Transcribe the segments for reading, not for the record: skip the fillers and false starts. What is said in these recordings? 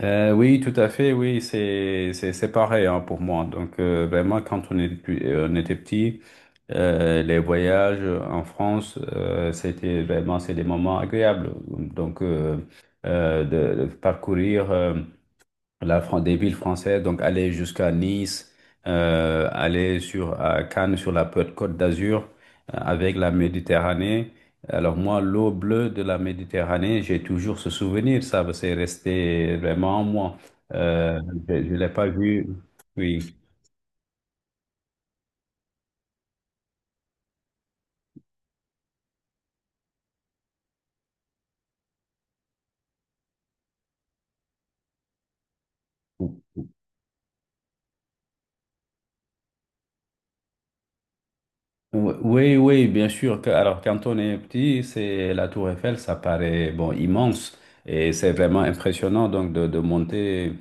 Oui, tout à fait, oui, c'est pareil hein, pour moi. Donc vraiment, quand on est, on était petit, les voyages en France, c'était vraiment c'est des moments agréables. Donc de parcourir. Des villes françaises, donc aller jusqu'à Nice, aller sur à Cannes, sur la Côte d'Azur, avec la Méditerranée. Alors moi, l'eau bleue de la Méditerranée, j'ai toujours ce souvenir, ça, c'est resté vraiment en moi. Euh, je ne l'ai pas vu. Oui. Oui, oui, bien sûr. Alors, quand on est petit, c'est la Tour Eiffel, ça paraît bon immense et c'est vraiment impressionnant donc de monter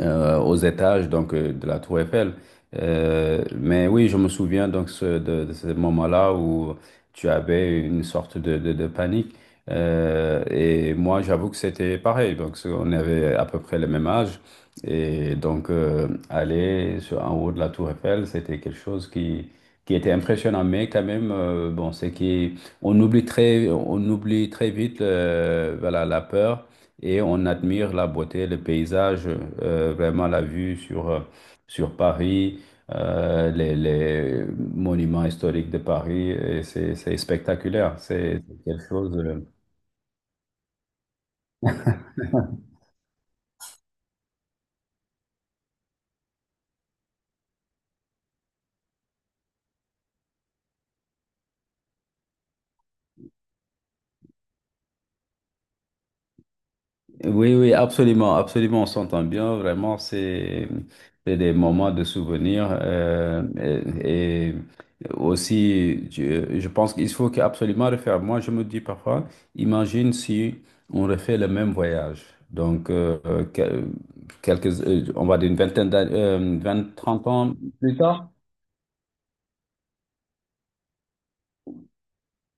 aux étages de la Tour Eiffel. Mais oui, je me souviens donc de ce moment-là où tu avais une sorte de panique. Et moi, j'avoue que c'était pareil. Donc, on avait à peu près le même âge. Et donc, aller sur, en haut de la Tour Eiffel, c'était quelque chose qui était impressionnant. Mais quand même, bon, c'est qu'on oublie très, on oublie très vite voilà, la peur et on admire la beauté, le paysage, vraiment la vue sur, sur Paris, les monuments historiques de Paris. C'est spectaculaire. C'est quelque chose. Oui, oui, absolument, absolument, on s'entend bien, vraiment, c'est des moments de souvenirs , et aussi, je pense qu'il faut absolument refaire. Moi, je me dis parfois, imagine si on refait le même voyage, donc que- quelques, on va dire une vingtaine d'années, 20, 30 ans plus tard.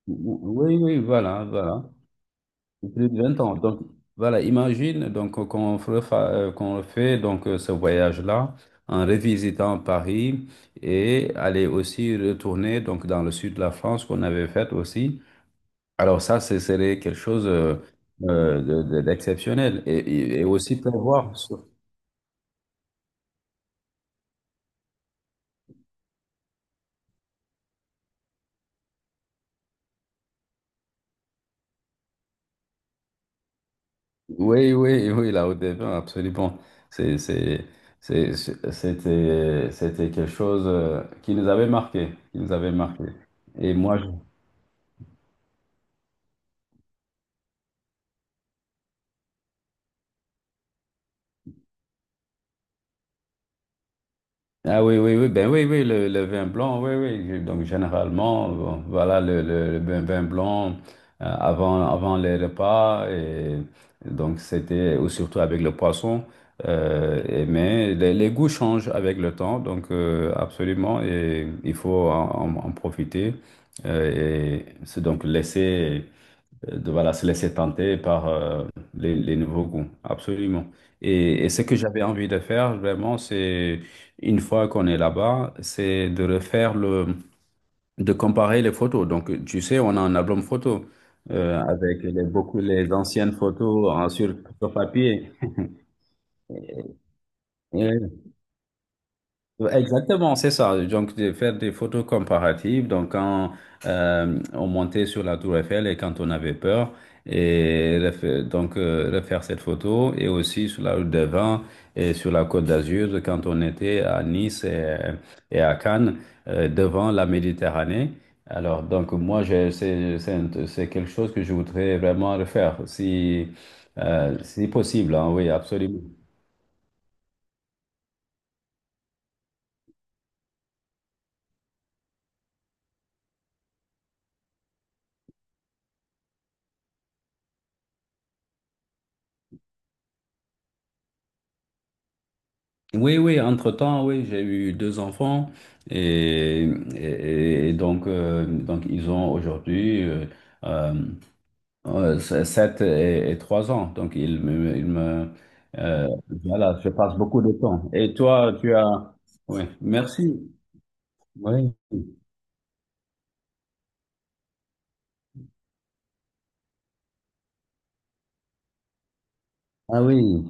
Oui, oui, voilà, voilà. Plus de 20 ans. Donc, voilà, imagine donc qu'on refait donc ce voyage-là en revisitant Paris et aller aussi retourner donc dans le sud de la France qu'on avait fait aussi. Alors ça, ce serait quelque chose d'exceptionnel et aussi prévoir. Oui, oui, oui, la Haute des Vins, absolument. C'est, c'est, C'était quelque chose qui nous avait marqué, qui nous avait marqué. Et moi, je- Ah oui, oui, oui, ben oui, oui, le vin blanc, oui, oui. Donc généralement, bon, voilà le vin blanc avant les repas. Et donc c'était, ou surtout avec le poisson. Mais les goûts changent avec le temps, donc absolument, et il faut en profiter. Et c'est donc laisser de voilà, se laisser tenter par les nouveaux goûts. Absolument. Et ce que j'avais envie de faire, vraiment, c'est, une fois qu'on est là-bas, c'est de refaire le, de comparer les photos. Donc, tu sais, on a un album photo avec beaucoup les anciennes photos hein, sur papier. Exactement, c'est ça. Donc, de faire des photos comparatives. Donc, quand on montait sur la Tour Eiffel et quand on avait peur, et refaire cette photo, et aussi sur la route des Vins et sur la Côte d'Azur, quand on était à Nice et à Cannes, devant la Méditerranée. Alors, donc, moi, c'est quelque chose que je voudrais vraiment refaire, si, si possible, hein, oui, absolument. Oui, oui, entre-temps, oui, j'ai eu deux enfants et, et donc ils ont aujourd'hui euh, sept et trois ans. Donc, ils me euh, voilà, je passe beaucoup de temps. Et toi, tu as... Oui, merci. Oui. Ah oui.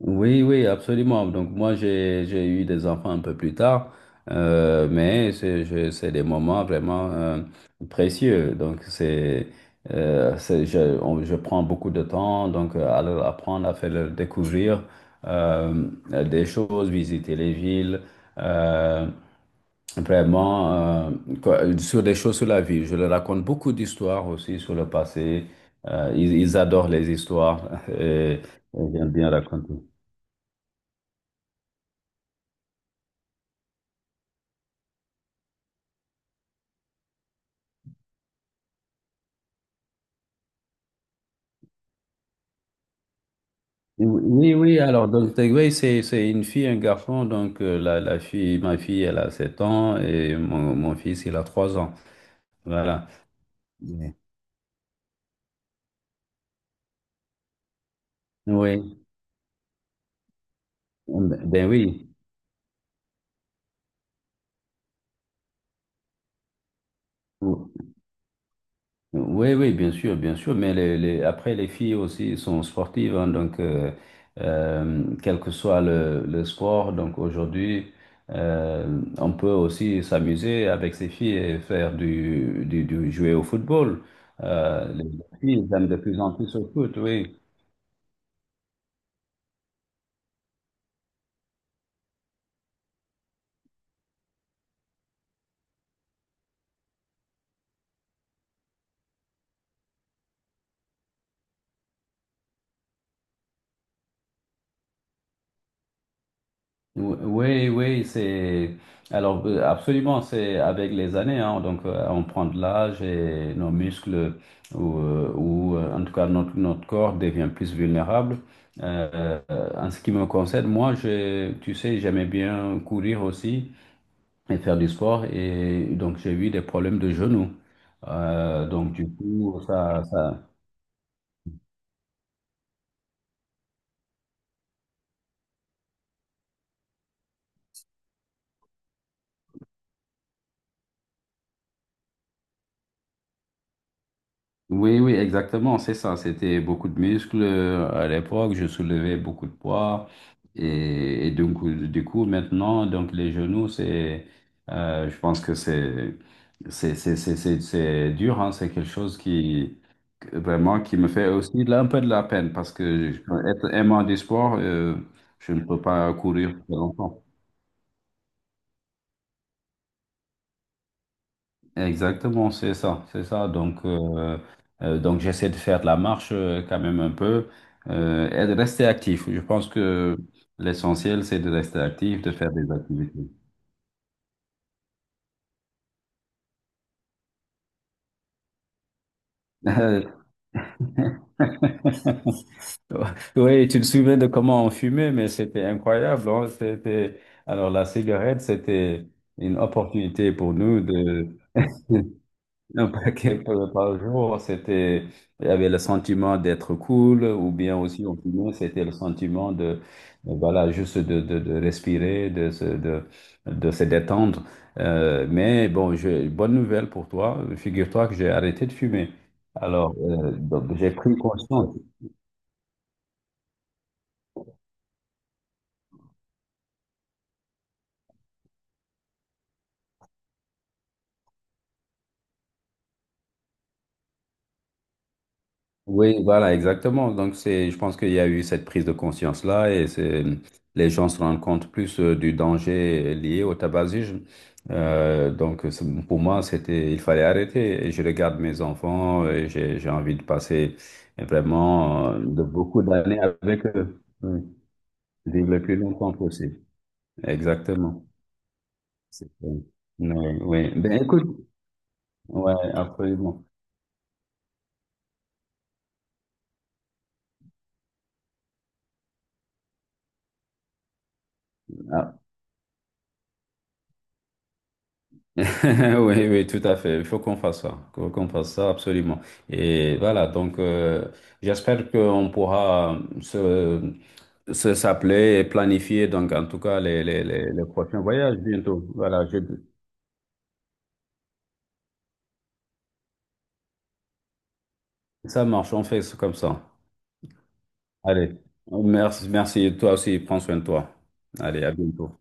Oui, oui, absolument. Donc moi, j'ai eu des enfants un peu plus tard, mais c'est des moments vraiment précieux. Donc je prends beaucoup de temps donc à leur apprendre, à faire leur découvrir euh, des choses, visiter les villes, euh, vraiment euh, sur des choses sur la vie. Je leur raconte beaucoup d'histoires aussi sur le passé. Ils adorent les histoires et j'aime bien raconter. Oui, oui, alors donc Takeaway, c'est une fille, un garçon. Donc la fille, ma fille, elle a 7 ans et mon fils, il a 3 ans. Voilà. Oui. Oui. Ben oui. Oui, oui, bien sûr, mais après les filles aussi sont sportives, hein, donc quel que soit le sport, donc aujourd'hui, on peut aussi s'amuser avec ces filles et faire jouer au football. Les filles aiment de plus en plus au foot, oui. Oui, oui, c'est alors absolument, c'est avec les années, hein, donc on prend de l'âge et nos muscles en tout cas notre, notre corps devient plus vulnérable. En ce qui me concerne, moi, tu sais, j'aimais bien courir aussi et faire du sport et donc j'ai eu des problèmes de genoux. Donc du coup, ça oui, oui, exactement, c'est ça. C'était beaucoup de muscles à l'époque. Je soulevais beaucoup de poids. Et donc, du coup, maintenant, donc les genoux, c'est, je pense que c'est c'est dur, hein. C'est quelque chose qui, vraiment, qui me fait aussi un peu de la peine parce que être aimant du sport, je ne peux pas courir très longtemps. Exactement, c'est ça, c'est ça. Donc j'essaie de faire de la marche quand même un peu et de rester actif. Je pense que l'essentiel, c'est de rester actif, de faire des activités. Euh, Oui, tu te souviens de comment on fumait, mais c'était incroyable. Hein. C'était... Alors, la cigarette, c'était une opportunité pour nous de... Un paquet par jour, c'était, il y avait le sentiment d'être cool, ou bien aussi, on fumait, c'était le sentiment de, voilà, juste de respirer, de se détendre. Mais bon, j'ai bonne nouvelle pour toi. Figure-toi que j'ai arrêté de fumer. Alors, donc, j'ai pris conscience. Oui, voilà, exactement. Donc, c'est, je pense qu'il y a eu cette prise de conscience-là et c'est, les gens se rendent compte plus du danger lié au tabagisme. Donc, pour moi, c'était, il fallait arrêter. Et je regarde mes enfants et j'ai envie de passer vraiment de beaucoup d'années avec eux. Oui. Vivre le plus longtemps possible. Exactement. Oui, oui. Ben, écoute, ouais, absolument. Ah, oui, oui, tout à fait. Il faut qu'on fasse ça, qu'on fasse ça absolument. Et voilà, donc j'espère qu'on pourra se s'appeler et planifier, donc en tout cas, les prochains voyages bientôt. Ça marche, on fait ça comme ça. Allez, merci, merci, toi aussi, prends soin de toi. Allez, à bientôt.